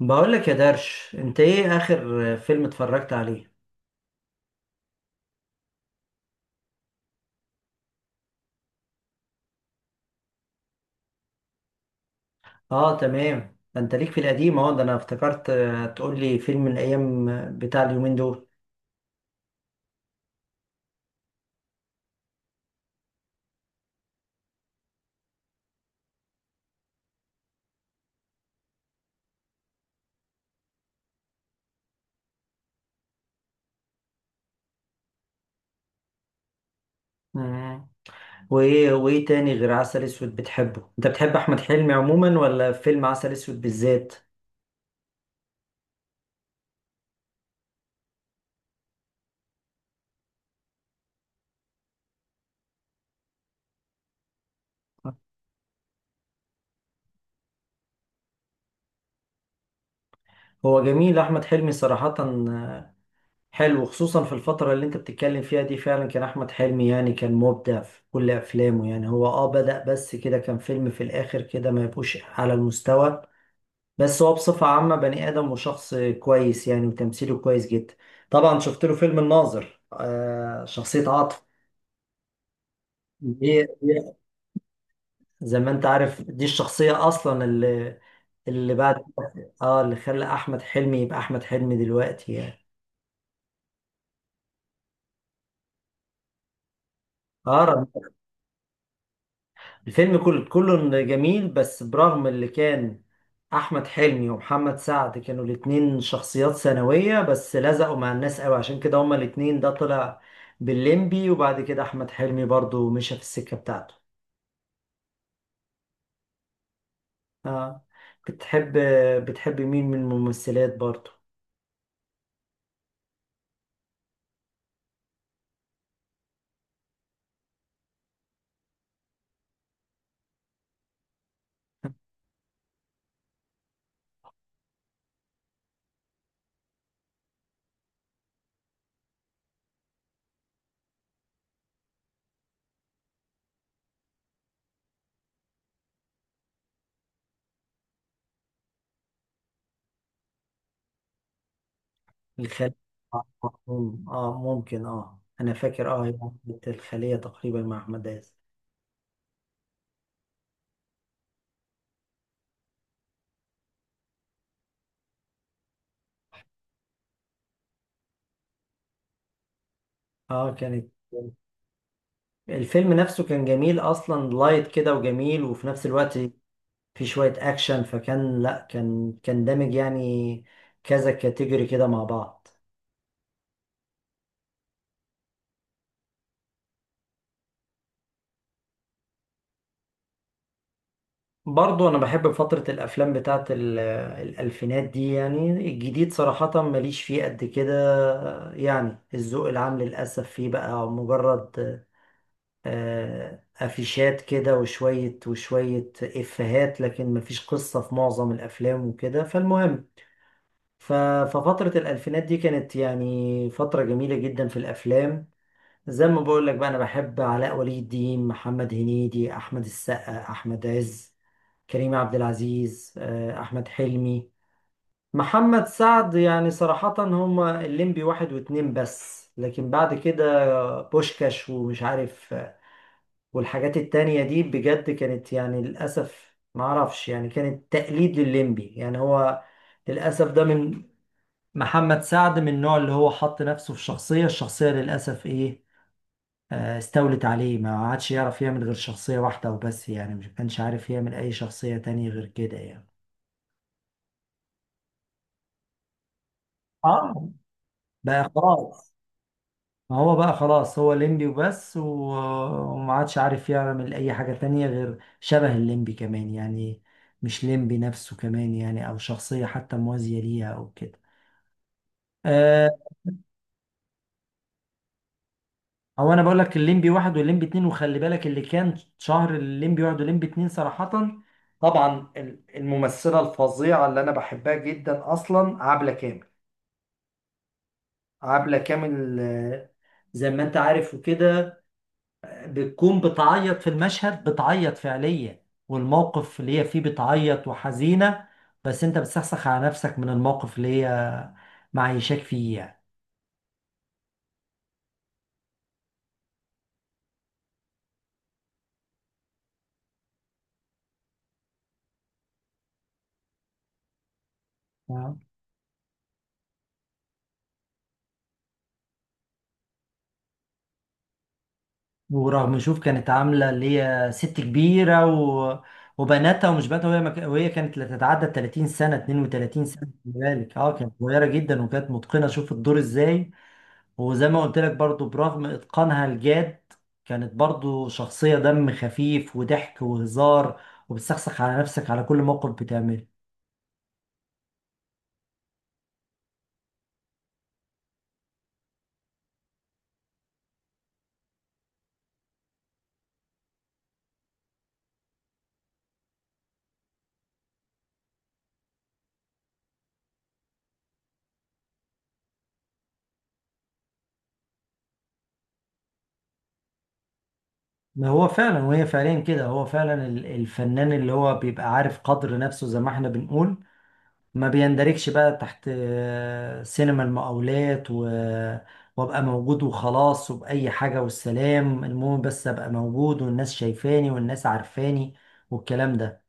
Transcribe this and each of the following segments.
بقولك يا درش، انت ايه اخر فيلم اتفرجت عليه؟ اه تمام، ده انت ليك في القديم، اهو ده انا افتكرت تقولي فيلم من الايام، بتاع اليومين دول. مم. وايه تاني غير عسل اسود بتحبه؟ انت بتحب احمد حلمي عموما ولا فيلم عسل اسود بالذات؟ هو جميل احمد حلمي صراحة، حلو. خصوصا في الفترة اللي انت بتتكلم فيها دي، فعلا كان احمد حلمي يعني كان مبدع في كل افلامه. يعني هو بدأ، بس كده كان فيلم في الاخر كده ما يبقوش على المستوى. بس هو بصفة عامة بني آدم وشخص كويس يعني، وتمثيله كويس جدا. طبعا شفت له فيلم الناظر، آه شخصية عاطف. دي دي- زي ما انت عارف، دي الشخصية أصلا اللي اللي بعد، اه اللي خلى أحمد حلمي يبقى أحمد حلمي دلوقتي يعني. اه الفيلم كله جميل، بس برغم اللي كان، احمد حلمي ومحمد سعد كانوا الاتنين شخصيات ثانوية بس لزقوا مع الناس قوي، عشان كده هما الاتنين ده طلع بالليمبي، وبعد كده احمد حلمي برضو مشى في السكة بتاعته. اه. بتحب بتحب مين من الممثلات برضو؟ الخلية. اه، ممكن اه انا فاكر اه هي كانت الخلية تقريبا مع احمد عز. اه كانت الفيلم نفسه كان جميل اصلا، لايت كده وجميل، وفي نفس الوقت في شوية أكشن، فكان لأ كان كان دامج يعني، كذا كاتيجوري كده مع بعض. برضو أنا بحب فترة الأفلام بتاعت الألفينات دي، يعني الجديد صراحة ماليش فيه قد كده. يعني الذوق العام للأسف فيه بقى مجرد أفيشات كده، وشوية وشوية إفيهات، لكن مفيش قصة في معظم الأفلام وكده. فالمهم، ف- ففترة الألفينات دي كانت يعني فترة جميلة جدا في الأفلام. زي ما بقول لك بقى، انا بحب علاء ولي الدين، محمد هنيدي، احمد السقا، احمد عز، كريم عبد العزيز، احمد حلمي، محمد سعد. يعني صراحة هما الليمبي واحد واتنين بس، لكن بعد كده بوشكاش ومش عارف والحاجات التانية دي بجد كانت يعني للأسف معرفش، يعني كانت تقليد للليمبي يعني. هو للأسف ده من، محمد سعد من النوع اللي هو حط نفسه في شخصية، الشخصية للأسف ايه، استولت عليه، ما عادش يعرف يعمل غير شخصية واحدة وبس يعني، مش كانش عارف يعمل أي شخصية تانية غير كده يعني. اه بقى خلاص. ما هو بقى خلاص هو الليمبي وبس، وما عادش عارف يعمل أي حاجة تانية غير شبه الليمبي كمان يعني، مش ليمبي نفسه كمان يعني، أو شخصية حتى موازية ليها أو كده. آه، هو انا بقول لك الليمبي واحد والليمبي اتنين، وخلي بالك اللي كان شهر الليمبي واحد والليمبي اتنين صراحة، طبعا الممثلة الفظيعة اللي انا بحبها جدا اصلا، عبلة كامل. عبلة كامل زي ما انت عارف وكده، بتكون بتعيط في المشهد، بتعيط فعليا، والموقف اللي هي فيه بتعيط وحزينة، بس انت بتسخسخ على نفسك من الموقف اللي هي معيشاك فيه يعني. ورغم، شوف، كانت عاملة اللي هي ست كبيرة و... وبناتها ومش بناتها، وهي مك... وهي كانت لا تتعدى ال 30 سنة، 32 سنة، خلي بالك اه كانت صغيرة جدا، وكانت متقنة، شوف الدور ازاي. وزي ما قلت لك برضو، برغم إتقانها الجاد، كانت برضو شخصية دم خفيف وضحك وهزار، وبتسخسخ على نفسك على كل موقف بتعمله. ما هو فعلا، وهي فعليا كده هو فعلا الفنان اللي هو بيبقى عارف قدر نفسه زي ما احنا بنقول، ما بيندركش بقى تحت سينما المقاولات و... وابقى موجود وخلاص، وبأي حاجة والسلام، المهم بس ابقى موجود والناس شايفاني والناس عارفاني والكلام ده.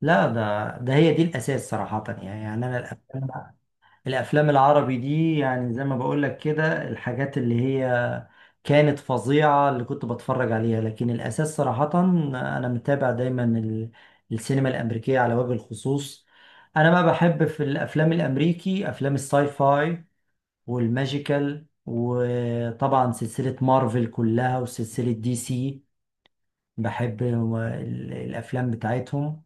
لا ده هي دي الأساس صراحة يعني أنا الأفلام، الافلام العربي دي يعني زي ما بقول لك كده، الحاجات اللي هي كانت فظيعة اللي كنت بتفرج عليها، لكن الاساس صراحة انا متابع دايما السينما الامريكية على وجه الخصوص. انا بقى بحب في الافلام الامريكي افلام الساي فاي، والماجيكال، وطبعا سلسلة مارفل كلها، وسلسلة دي سي. بحب الافلام بتاعتهم.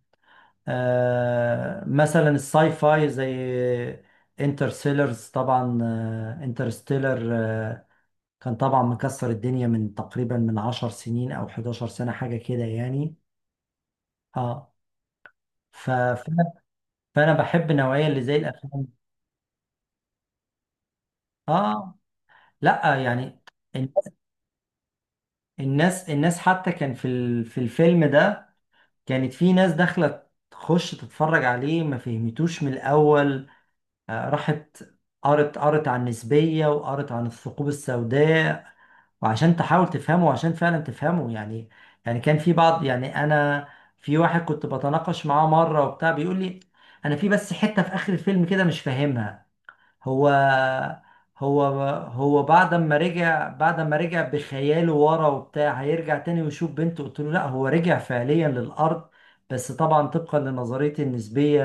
مثلا الساي فاي زي انترستيلرز طبعا، انترستيلر كان طبعا مكسر الدنيا من تقريبا من عشر سنين او 11 سنة حاجة كده يعني. اه ف... فانا فأنا بحب النوعية اللي زي الافلام. اه لا يعني، الناس حتى، كان في في الفيلم ده كانت في ناس داخله تخش تتفرج عليه ما فهمتوش من الاول، راحت قرت عن النسبية، وقرت عن الثقوب السوداء، وعشان تحاول تفهمه، وعشان فعلا تفهمه يعني. يعني كان في بعض يعني أنا، في واحد كنت بتناقش معاه مرة وبتاع بيقول لي، أنا في بس حتة في آخر الفيلم كده مش فاهمها، هو هو هو بعد ما رجع، بخياله ورا، وبتاع هيرجع تاني ويشوف بنته. قلت له لا، هو رجع فعليا للأرض، بس طبعا طبقا لنظرية النسبية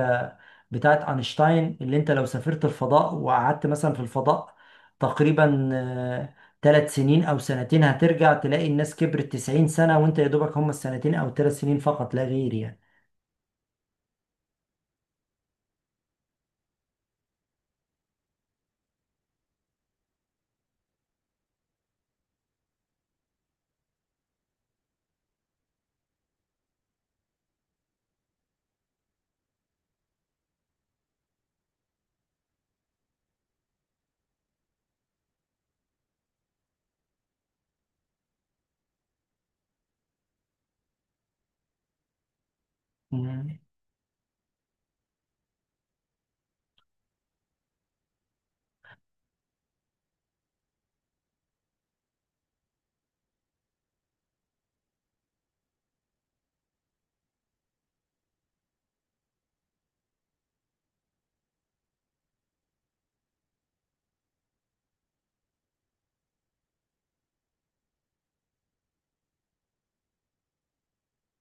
بتاعت أينشتاين، اللي انت لو سافرت الفضاء وقعدت مثلا في الفضاء تقريبا ثلاث سنين أو سنتين، هترجع تلاقي الناس كبرت 90 سنة، وانت يا دوبك هم السنتين أو ثلاث سنين فقط لا غير يعني. مم.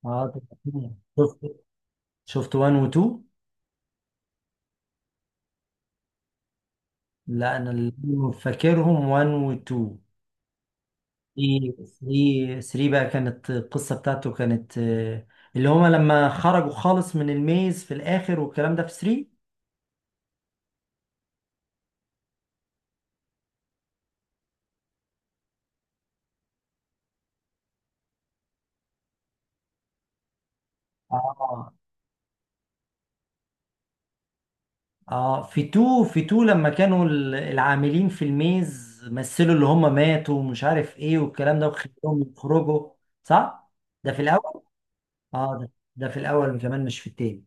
اه شفت، شفت 1 و 2. لا انا اللي فاكرهم 1 و 2. 3، 3 بقى كانت القصه بتاعته كانت، اللي هما لما خرجوا خالص من الميز في الاخر والكلام ده في 3. اه اه في 2، لما كانوا العاملين في الميز مثلوا اللي هما ماتوا ومش عارف ايه والكلام ده وخلوهم يخرجوا. صح، ده في الاول. اه ده في الاول كمان مش في التاني.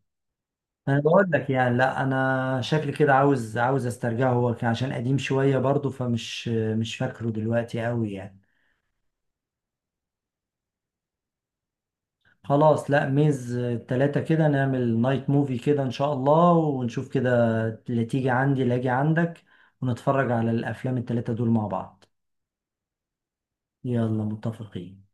انا بقول لك يعني، لا انا شكلي كده عاوز، استرجعه، هو كان عشان قديم شويه برضه، فمش مش فاكره دلوقتي قوي يعني. خلاص، لا ميز التلاتة كده نعمل نايت موفي كده ان شاء الله ونشوف كده، اللي تيجي عندي اللي اجي عندك، ونتفرج على الافلام التلاتة دول مع بعض. يلا متفقين.